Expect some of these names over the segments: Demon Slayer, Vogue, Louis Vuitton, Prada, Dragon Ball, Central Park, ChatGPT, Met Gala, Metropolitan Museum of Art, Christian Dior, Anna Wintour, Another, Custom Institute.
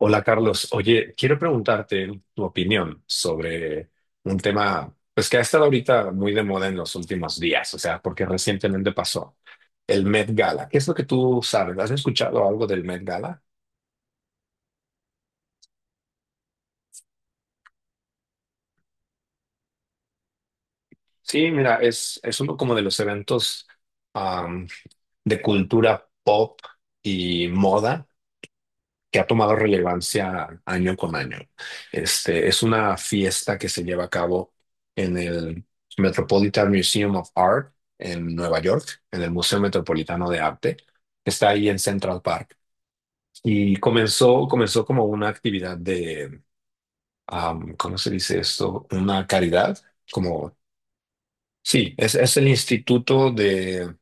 Hola Carlos, oye, quiero preguntarte tu opinión sobre un tema, pues que ha estado ahorita muy de moda en los últimos días, o sea, porque recientemente pasó el Met Gala. ¿Qué es lo que tú sabes? ¿Has escuchado algo del Met Gala? Sí, mira, es uno como de los eventos am, de cultura pop y moda que ha tomado relevancia año con año. Este, es una fiesta que se lleva a cabo en el Metropolitan Museum of Art en Nueva York, en el Museo Metropolitano de Arte. Está ahí en Central Park. Y comenzó como una actividad de, ¿cómo se dice esto? Una caridad, como, sí, es el Instituto de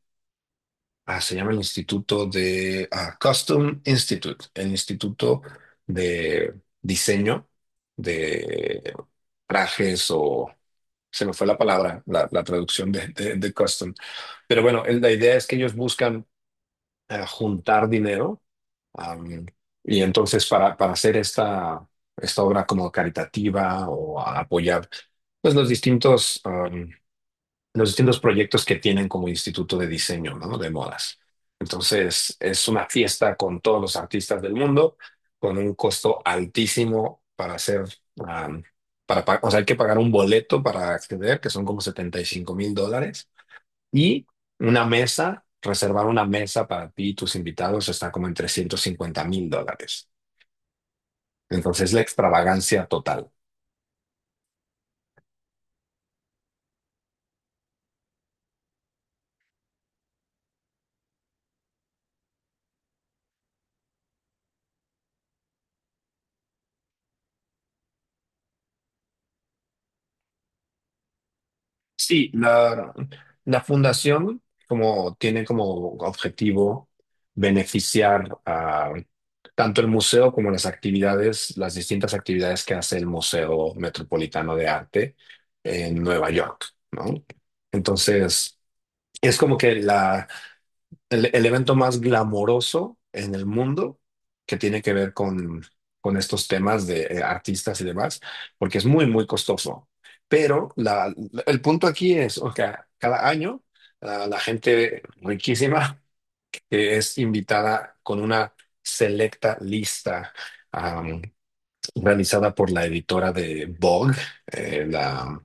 Ah, se llama el Instituto de Custom Institute, el Instituto de Diseño de Trajes o se me fue la palabra, la traducción de, de Custom. Pero bueno, el- la idea es que ellos buscan juntar dinero am, y entonces para hacer esta, esta obra como caritativa o a apoyar pues los distintos proyectos que tienen como instituto de diseño, ¿no? De modas. Entonces, es una fiesta con todos los artistas del mundo, con un costo altísimo para hacer, am, para, pa- o sea, hay que pagar un boleto para acceder, que son como 75.000 dólares, y una mesa, reservar una mesa para ti y tus invitados está como en 350.000 dólares. Entonces, la extravagancia total. Sí, la fundación como tiene como objetivo beneficiar a tanto el museo como las actividades, las distintas actividades que hace el Museo Metropolitano de Arte en Nueva York, ¿no? Entonces, es como que la, el evento más glamoroso en el mundo que tiene que ver con estos temas de artistas y demás, porque es muy, muy costoso. Pero la- el punto aquí es, o sea, cada año la, la gente riquísima que es invitada con una selecta lista am, realizada por la editora de Vogue, la,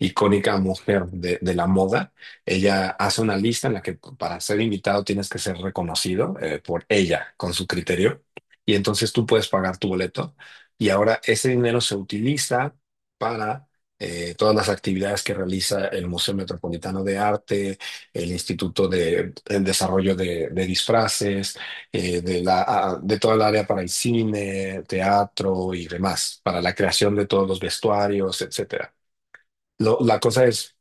icónica mujer de la moda. Ella hace una lista en la que para ser invitado tienes que ser reconocido por ella, con su criterio, y entonces tú puedes pagar tu boleto. Y ahora ese dinero se utiliza para todas las actividades que realiza el Museo Metropolitano de Arte, el Instituto de el Desarrollo de Disfraces, de la, de toda el área para el cine, teatro y demás, para la creación de todos los vestuarios, etcétera. Lo- la cosa es,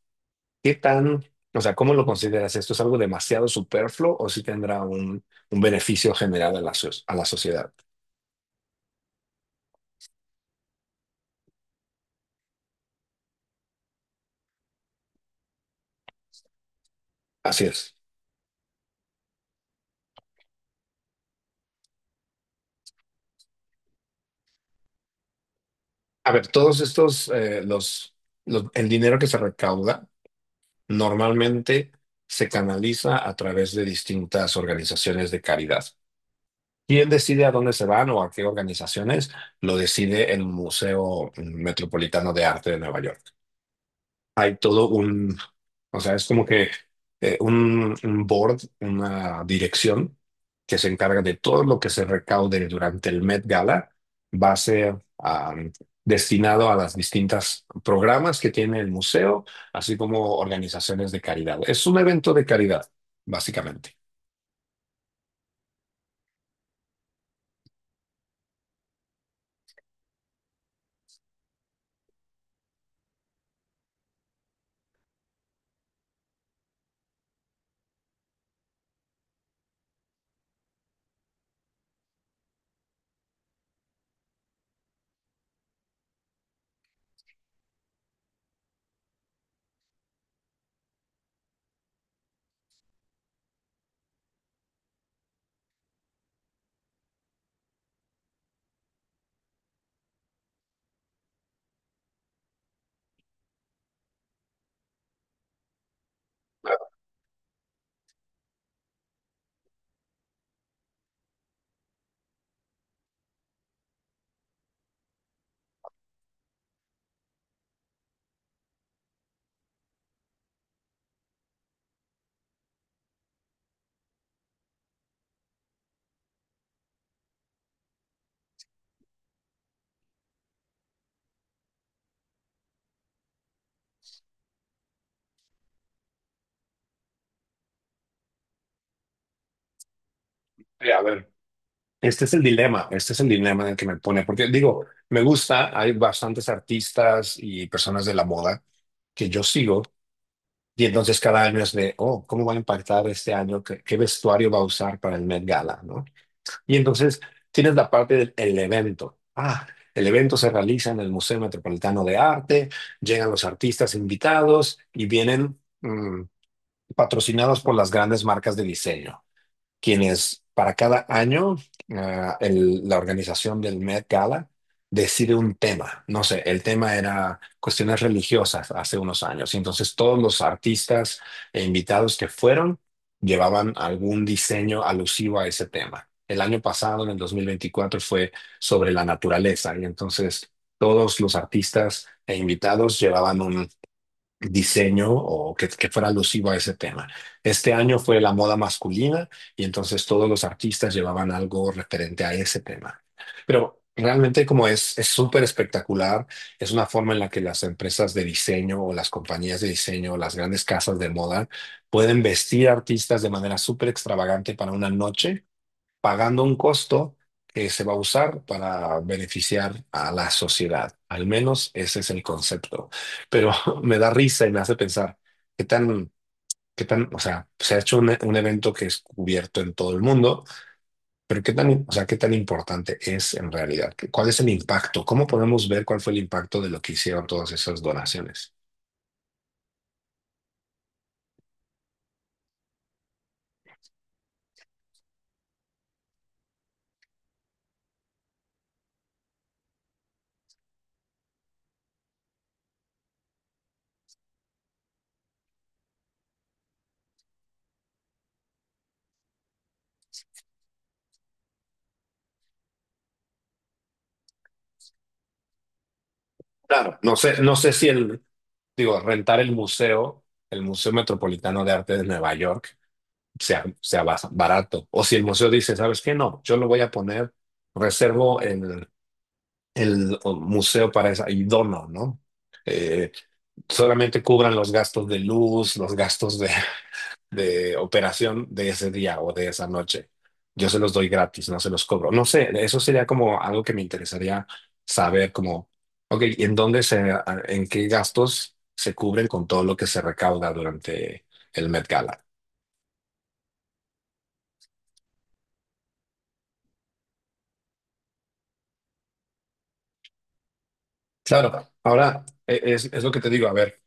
¿qué tan, o sea, cómo lo consideras? ¿Esto es algo demasiado superfluo o si tendrá un beneficio general a la, so- a la sociedad? Así es. A ver, todos estos, los- el dinero que se recauda normalmente se canaliza a través de distintas organizaciones de caridad. ¿Quién decide a dónde se van o a qué organizaciones? Lo decide el Museo Metropolitano de Arte de Nueva York. Hay todo un, o sea, es como que un board, una dirección que se encarga de todo lo que se recaude durante el Met Gala, va a ser destinado a las distintas programas que tiene el museo, así como organizaciones de caridad. Es un evento de caridad, básicamente. A ver, este es el dilema, este es el dilema en el que me pone, porque digo, me gusta, hay bastantes artistas y personas de la moda que yo sigo. Y entonces cada año es de, oh, ¿cómo va a impactar este año? ¿Qué, qué vestuario va a usar para el Met Gala, ¿no? Y entonces tienes la parte del el evento. Ah, el evento se realiza en el Museo Metropolitano de Arte, llegan los artistas invitados y vienen patrocinados por las grandes marcas de diseño quienes para cada año el- la organización del Met Gala decide un tema. No sé, el tema era cuestiones religiosas hace unos años. Y entonces todos los artistas e invitados que fueron llevaban algún diseño alusivo a ese tema. El año pasado, en el 2024, fue sobre la naturaleza. Y entonces todos los artistas e invitados llevaban diseño o que fuera alusivo a ese tema. Este año fue la moda masculina y entonces todos los artistas llevaban algo referente a ese tema. Pero realmente como es súper espectacular, es una forma en la que las empresas de diseño o las compañías de diseño o las grandes casas de moda pueden vestir artistas de manera súper extravagante para una noche pagando un costo que se va a usar para beneficiar a la sociedad. Al menos ese es el concepto. Pero me da risa y me hace pensar qué tan, qué tan, o sea, se ha hecho un evento que es cubierto en todo el mundo, pero qué tan, o sea, qué tan importante es en realidad. ¿Cuál es el impacto? ¿Cómo podemos ver cuál fue el impacto de lo que hicieron todas esas donaciones? Claro, no sé, no sé si el, digo, rentar el Museo Metropolitano de Arte de Nueva York sea, sea bas- barato. O si el museo dice, ¿sabes qué? No, yo lo voy a poner, reservo el museo para esa y dono, ¿no? Eh, solamente cubran los gastos de luz, los gastos de operación de ese día o de esa noche. Yo se los doy gratis, no se los cobro. No sé, eso sería como algo que me interesaría saber, como, ok, ¿en dónde se, en qué gastos se cubren con todo lo que se recauda durante el Met Gala? Claro, ahora e- es lo que te digo, a ver,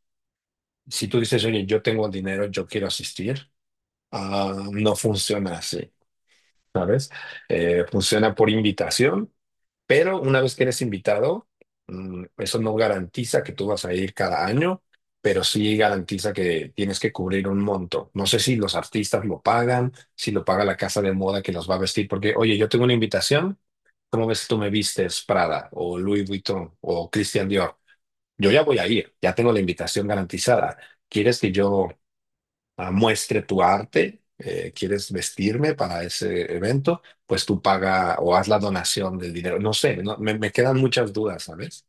si tú dices, oye, yo tengo dinero, yo quiero asistir, ah, no funciona así, ¿sabes? Funciona por invitación, pero una vez que eres invitado, eso no garantiza que tú vas a ir cada año, pero sí garantiza que tienes que cubrir un monto. No sé si los artistas lo pagan, si lo paga la casa de moda que los va a vestir, porque, oye, yo tengo una invitación, ¿cómo ves si tú me vistes Prada o Louis Vuitton o Christian Dior? Yo ya voy a ir, ya tengo la invitación garantizada. ¿Quieres que yo muestre tu arte? ¿Quieres vestirme para ese evento? Pues tú paga o haz la donación del dinero. No sé, no- me quedan muchas dudas, ¿sabes?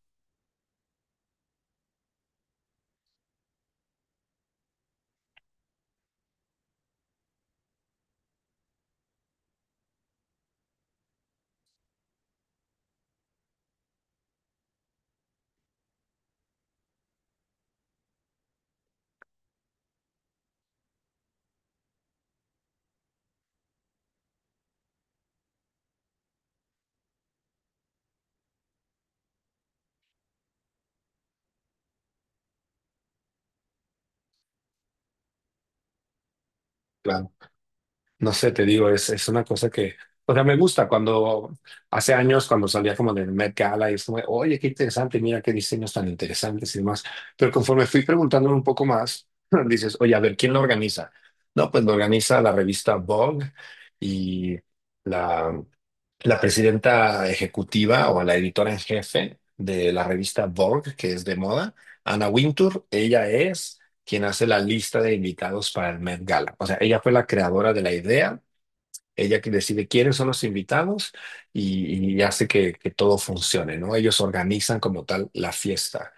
No sé, te digo, es una cosa que, o sea, me gusta cuando hace años, cuando salía como del Met Gala y es como, oye, qué interesante, mira qué diseños tan interesantes y demás. Pero conforme fui preguntándome un poco más, dices, oye, a ver, ¿quién lo organiza? No, pues lo organiza la revista Vogue y la, la presidenta ejecutiva o la editora en jefe de la revista Vogue, que es de moda, Anna Wintour, ella es quien hace la lista de invitados para el Met Gala. O sea, ella fue la creadora de la idea, ella que decide quiénes son los invitados y hace que todo funcione, ¿no? Ellos organizan como tal la fiesta.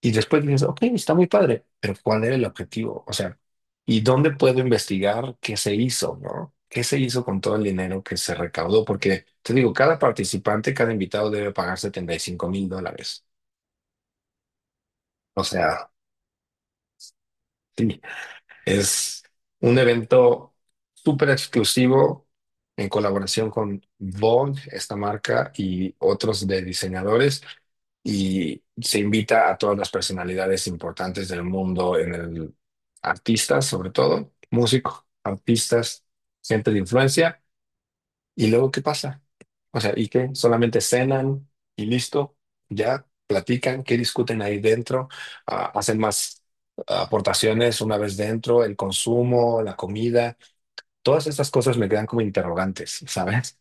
Y después dices, ok, está muy padre, pero ¿cuál era el objetivo? O sea, ¿y dónde puedo investigar qué se hizo, no? ¿Qué se hizo con todo el dinero que se recaudó? Porque te digo, cada participante, cada invitado debe pagar 75.000 dólares. O sea, sí. Es un evento súper exclusivo en colaboración con Vogue, esta marca, y otros de diseñadores. Y se invita a todas las personalidades importantes del mundo en el artistas, sobre todo, músicos, artistas, gente de influencia. ¿Y luego qué pasa? O sea, ¿y qué? ¿Solamente cenan y listo? ¿Ya platican? ¿Qué discuten ahí dentro? Ah, ¿hacen más aportaciones una vez dentro? ¿El consumo, la comida? Todas estas cosas me quedan como interrogantes, ¿sabes?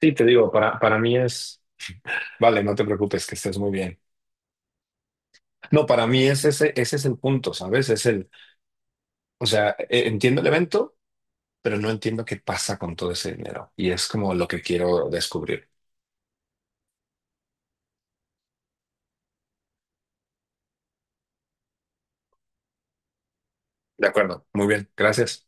Sí, te digo, para mí es... Vale, no te preocupes, que estés muy bien. No, para mí es ese, ese es el punto, ¿sabes? Es el, o sea, e- entiendo el evento, pero no entiendo qué pasa con todo ese dinero. Y es como lo que quiero descubrir. De acuerdo, muy bien, gracias.